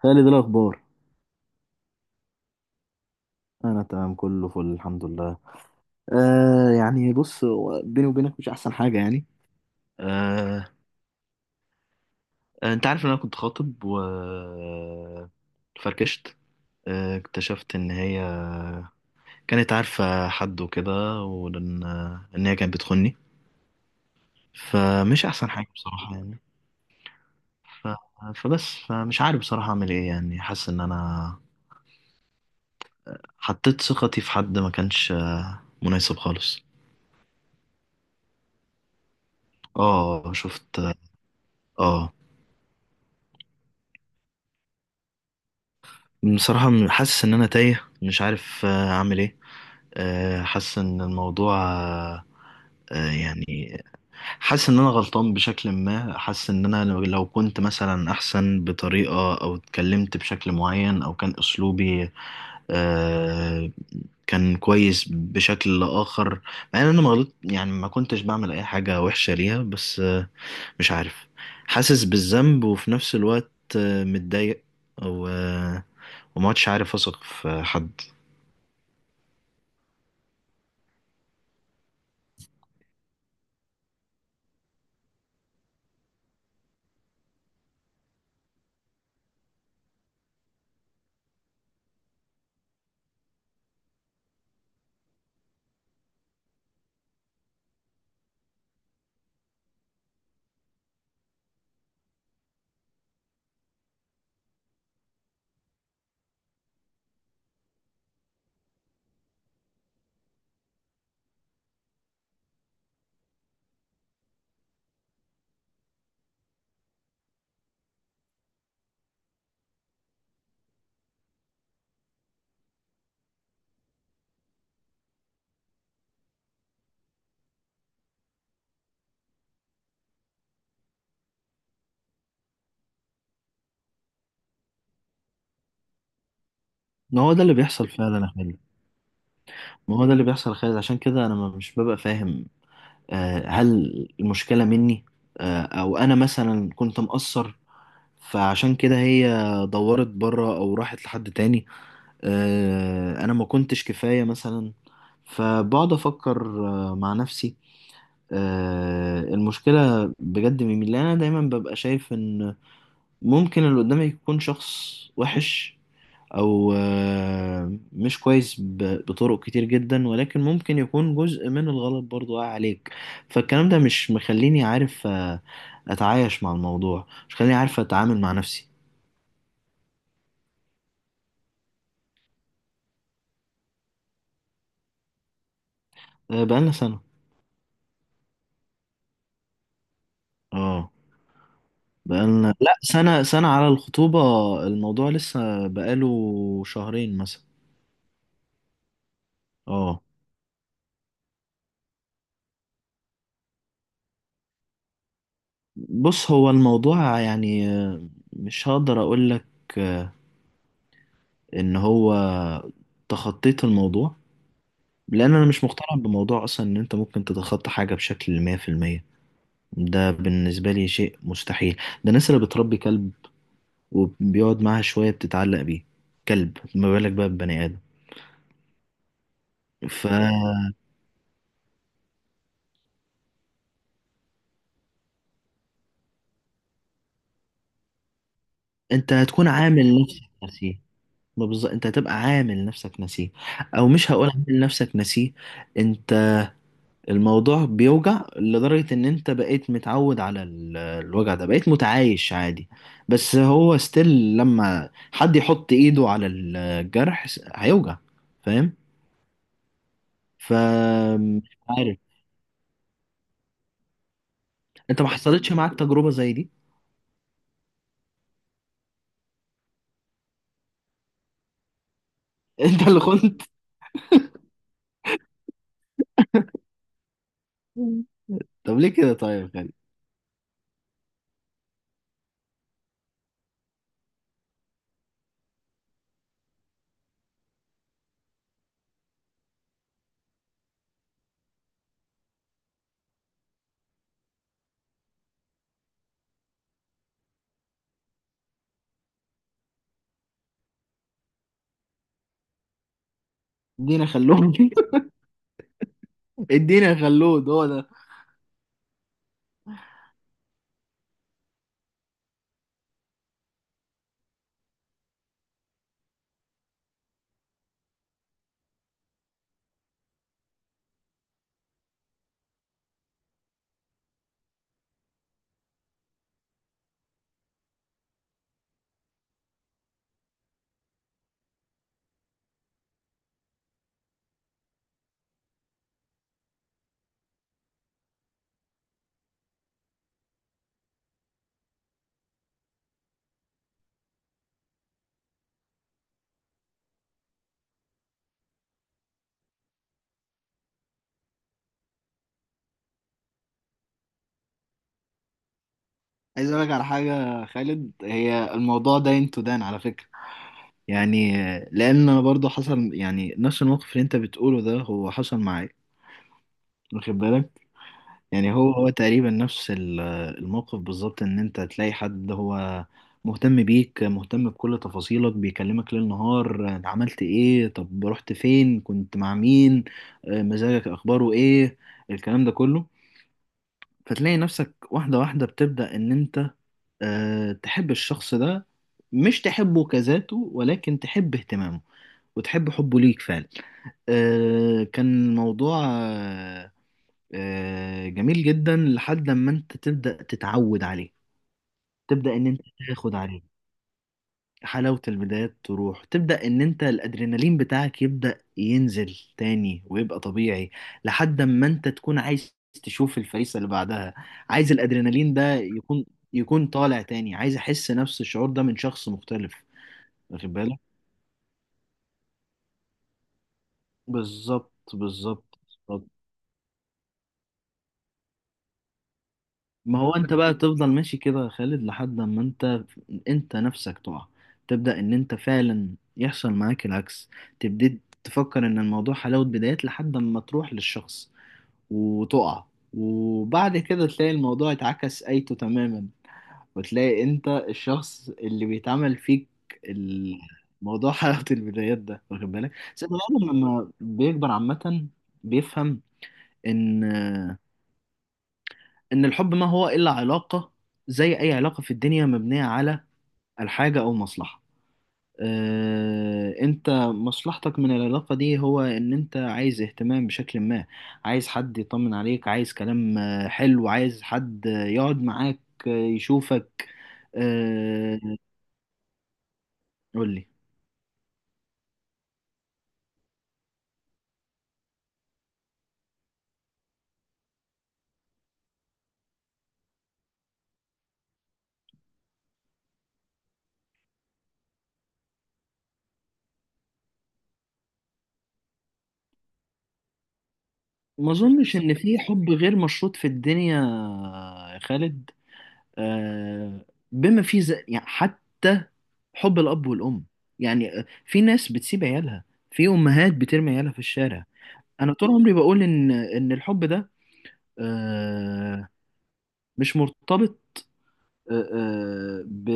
خالد، إيه الأخبار؟ أنا تمام، كله فل، الحمد لله. يعني بص، هو بيني وبينك مش أحسن حاجة يعني. آه أنت عارف إن أنا كنت خاطب و فركشت. اكتشفت إن هي كانت عارفة حد وكده، وإن هي كانت بتخوني، فمش أحسن حاجة بصراحة يعني. ف... فبس فمش عارف بصراحة أعمل إيه، يعني حاسس إن أنا حطيت ثقتي في حد ما كانش مناسب خالص. اه، شفت. اه، بصراحة حاسس إن أنا تايه، مش عارف أعمل إيه. حاسس إن الموضوع يعني حاسس إن أنا غلطان بشكل ما، حاسس إن أنا لو كنت مثلا أحسن بطريقة أو اتكلمت بشكل معين أو كان أسلوبي آه، كان كويس بشكل آخر، مع إن أنا ما غلط يعني، ما كنتش بعمل أي حاجة وحشة ليها. بس مش عارف، حاسس بالذنب وفي نفس الوقت متضايق، و... وما عدتش عارف اثق في حد. ما هو ده اللي بيحصل فعلا يا خالد، ما هو ده اللي بيحصل يا خالد، عشان كده انا مش ببقى فاهم. هل المشكلة مني؟ او انا مثلا كنت مقصر فعشان كده هي دورت بره او راحت لحد تاني؟ انا ما كنتش كفاية مثلا؟ فبقعد افكر مع نفسي، المشكلة بجد من مين؟ لأن أنا دايما ببقى شايف إن ممكن اللي قدامي يكون شخص وحش أو مش كويس بطرق كتير جدا، ولكن ممكن يكون جزء من الغلط برضو وقع عليك. فالكلام ده مش مخليني عارف أتعايش مع الموضوع، مش مخليني عارف أتعامل مع نفسي. آه، بقالنا سنة. اه، بقالنا لأ، سنة سنة على الخطوبة. الموضوع لسه بقاله شهرين مثلا. اه، بص، هو الموضوع يعني مش هقدر اقول لك ان هو تخطيت الموضوع، لان انا مش مقتنع بموضوع اصلا ان انت ممكن تتخطى حاجه بشكل 100%. ده بالنسبه لي شيء مستحيل. ده الناس اللي بتربي كلب وبيقعد معاها شويه بتتعلق بيه، كلب، ما بالك بقى ببني ادم. فانت هتكون عامل نفسك نسيه، ما بالظبط، انت هتبقى عامل نفسك نسيه، او مش هقول عامل نفسك نسيه، انت الموضوع بيوجع لدرجة ان انت بقيت متعود على الوجع ده، بقيت متعايش عادي، بس هو ستيل لما حد يحط ايده على الجرح هيوجع. فاهم؟ ف مش عارف، انت ما حصلتش معاك تجربة زي دي؟ انت اللي كنت. طب ليه كده طيب يا خالد؟ ادينا خلود. ادينا خلود، هو ده. عايز اقول لك على حاجة يا خالد، هي الموضوع ده انتو دان على فكرة، يعني لان انا برضو حصل يعني نفس الموقف اللي انت بتقوله ده، هو حصل معايا، واخد بالك؟ يعني هو تقريبا نفس الموقف بالظبط، ان انت تلاقي حد هو مهتم بيك، مهتم بكل تفاصيلك، بيكلمك ليل نهار، عملت ايه، طب رحت فين، كنت مع مين، مزاجك، اخباره ايه، الكلام ده كله. فتلاقي نفسك واحدة واحدة بتبدأ ان انت تحب الشخص ده، مش تحبه كذاته ولكن تحب اهتمامه وتحب حبه ليك فعلا. كان موضوع جميل جدا، لحد ما انت تبدأ تتعود عليه، تبدأ ان انت تاخد عليه. حلاوة البدايات تروح، تبدأ ان انت الادرينالين بتاعك يبدأ ينزل تاني ويبقى طبيعي، لحد ما انت تكون عايز تشوف الفريسة اللي بعدها، عايز الادرينالين ده يكون، يكون طالع تاني، عايز احس نفس الشعور ده من شخص مختلف. واخد بالك؟ بالظبط بالظبط بالظبط. ما هو انت بقى تفضل ماشي كده يا خالد لحد ما انت نفسك تقع، تبدأ ان انت فعلا يحصل معاك العكس، تبتدي تفكر ان الموضوع حلاوة بدايات، لحد ما تروح للشخص وتقع، وبعد كده تلاقي الموضوع اتعكس ايته تماما، وتلاقي انت الشخص اللي بيتعمل فيك الموضوع. حلاوة البدايات ده واخد بالك. بس البني آدم لما بيكبر عامة بيفهم ان إن الحب ما هو إلا علاقة زي أي علاقة في الدنيا، مبنية على الحاجة أو مصلحة. أنت مصلحتك من العلاقة دي هو إن أنت عايز اهتمام بشكل ما، عايز حد يطمن عليك، عايز كلام حلو، عايز حد يقعد معاك، يشوفك. آه، قول لي. ما أظنش إن في حب غير مشروط في الدنيا يا خالد، آه، بما فيه يعني حتى حب الأب والأم. يعني في ناس بتسيب عيالها، في أمهات بترمي عيالها في الشارع. أنا طول عمري بقول إن الحب ده آه، مش مرتبط آه، آه، ب...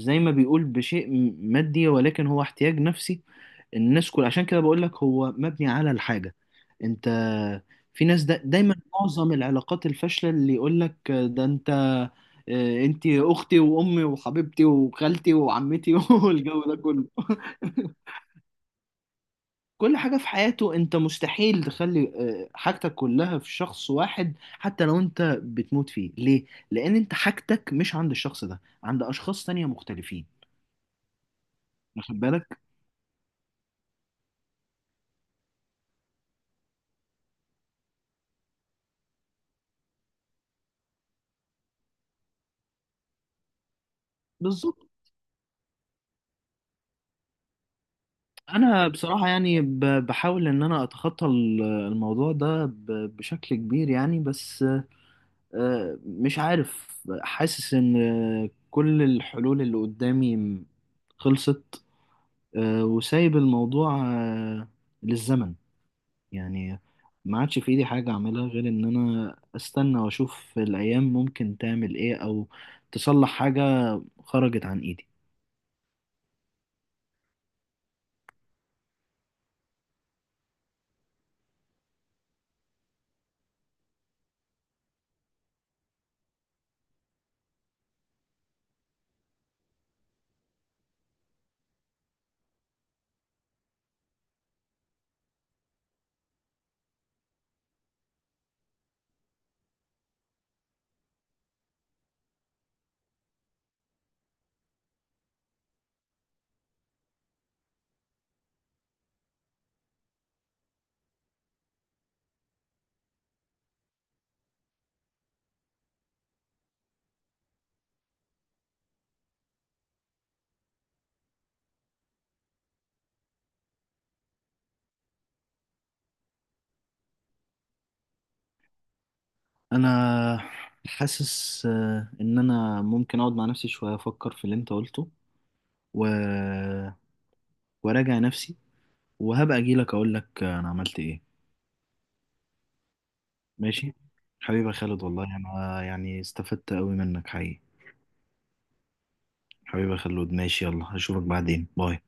زي ما بيقول بشيء مادي، ولكن هو احتياج نفسي. الناس كل، عشان كده بقول لك هو مبني على الحاجة. انت في ناس دا دايما، معظم العلاقات الفاشلة، اللي يقول لك ده انت، اه، انت اختي وامي وحبيبتي وخالتي وعمتي والجو ده كله، كل حاجة في حياته. انت مستحيل تخلي اه، حاجتك كلها في شخص واحد حتى لو انت بتموت فيه. ليه؟ لان انت حاجتك مش عند الشخص ده، عند اشخاص تانية مختلفين. واخد بالك؟ بالظبط. انا بصراحه يعني بحاول ان انا اتخطى الموضوع ده بشكل كبير يعني، بس مش عارف، حاسس ان كل الحلول اللي قدامي خلصت، وسايب الموضوع للزمن، يعني ما عادش في ايدي حاجه اعملها غير ان انا استنى واشوف الايام ممكن تعمل ايه او تصلح حاجه. خرجت عن ايدي. انا حاسس ان انا ممكن اقعد مع نفسي شويه افكر في اللي انت قلته، و... وراجع نفسي، وهبقى اجي لك اقول لك انا عملت ايه. ماشي. حبيبي يا خالد، والله انا يعني استفدت قوي منك حقيقي. حبيبي يا خالد، ماشي، يلا اشوفك بعدين، باي.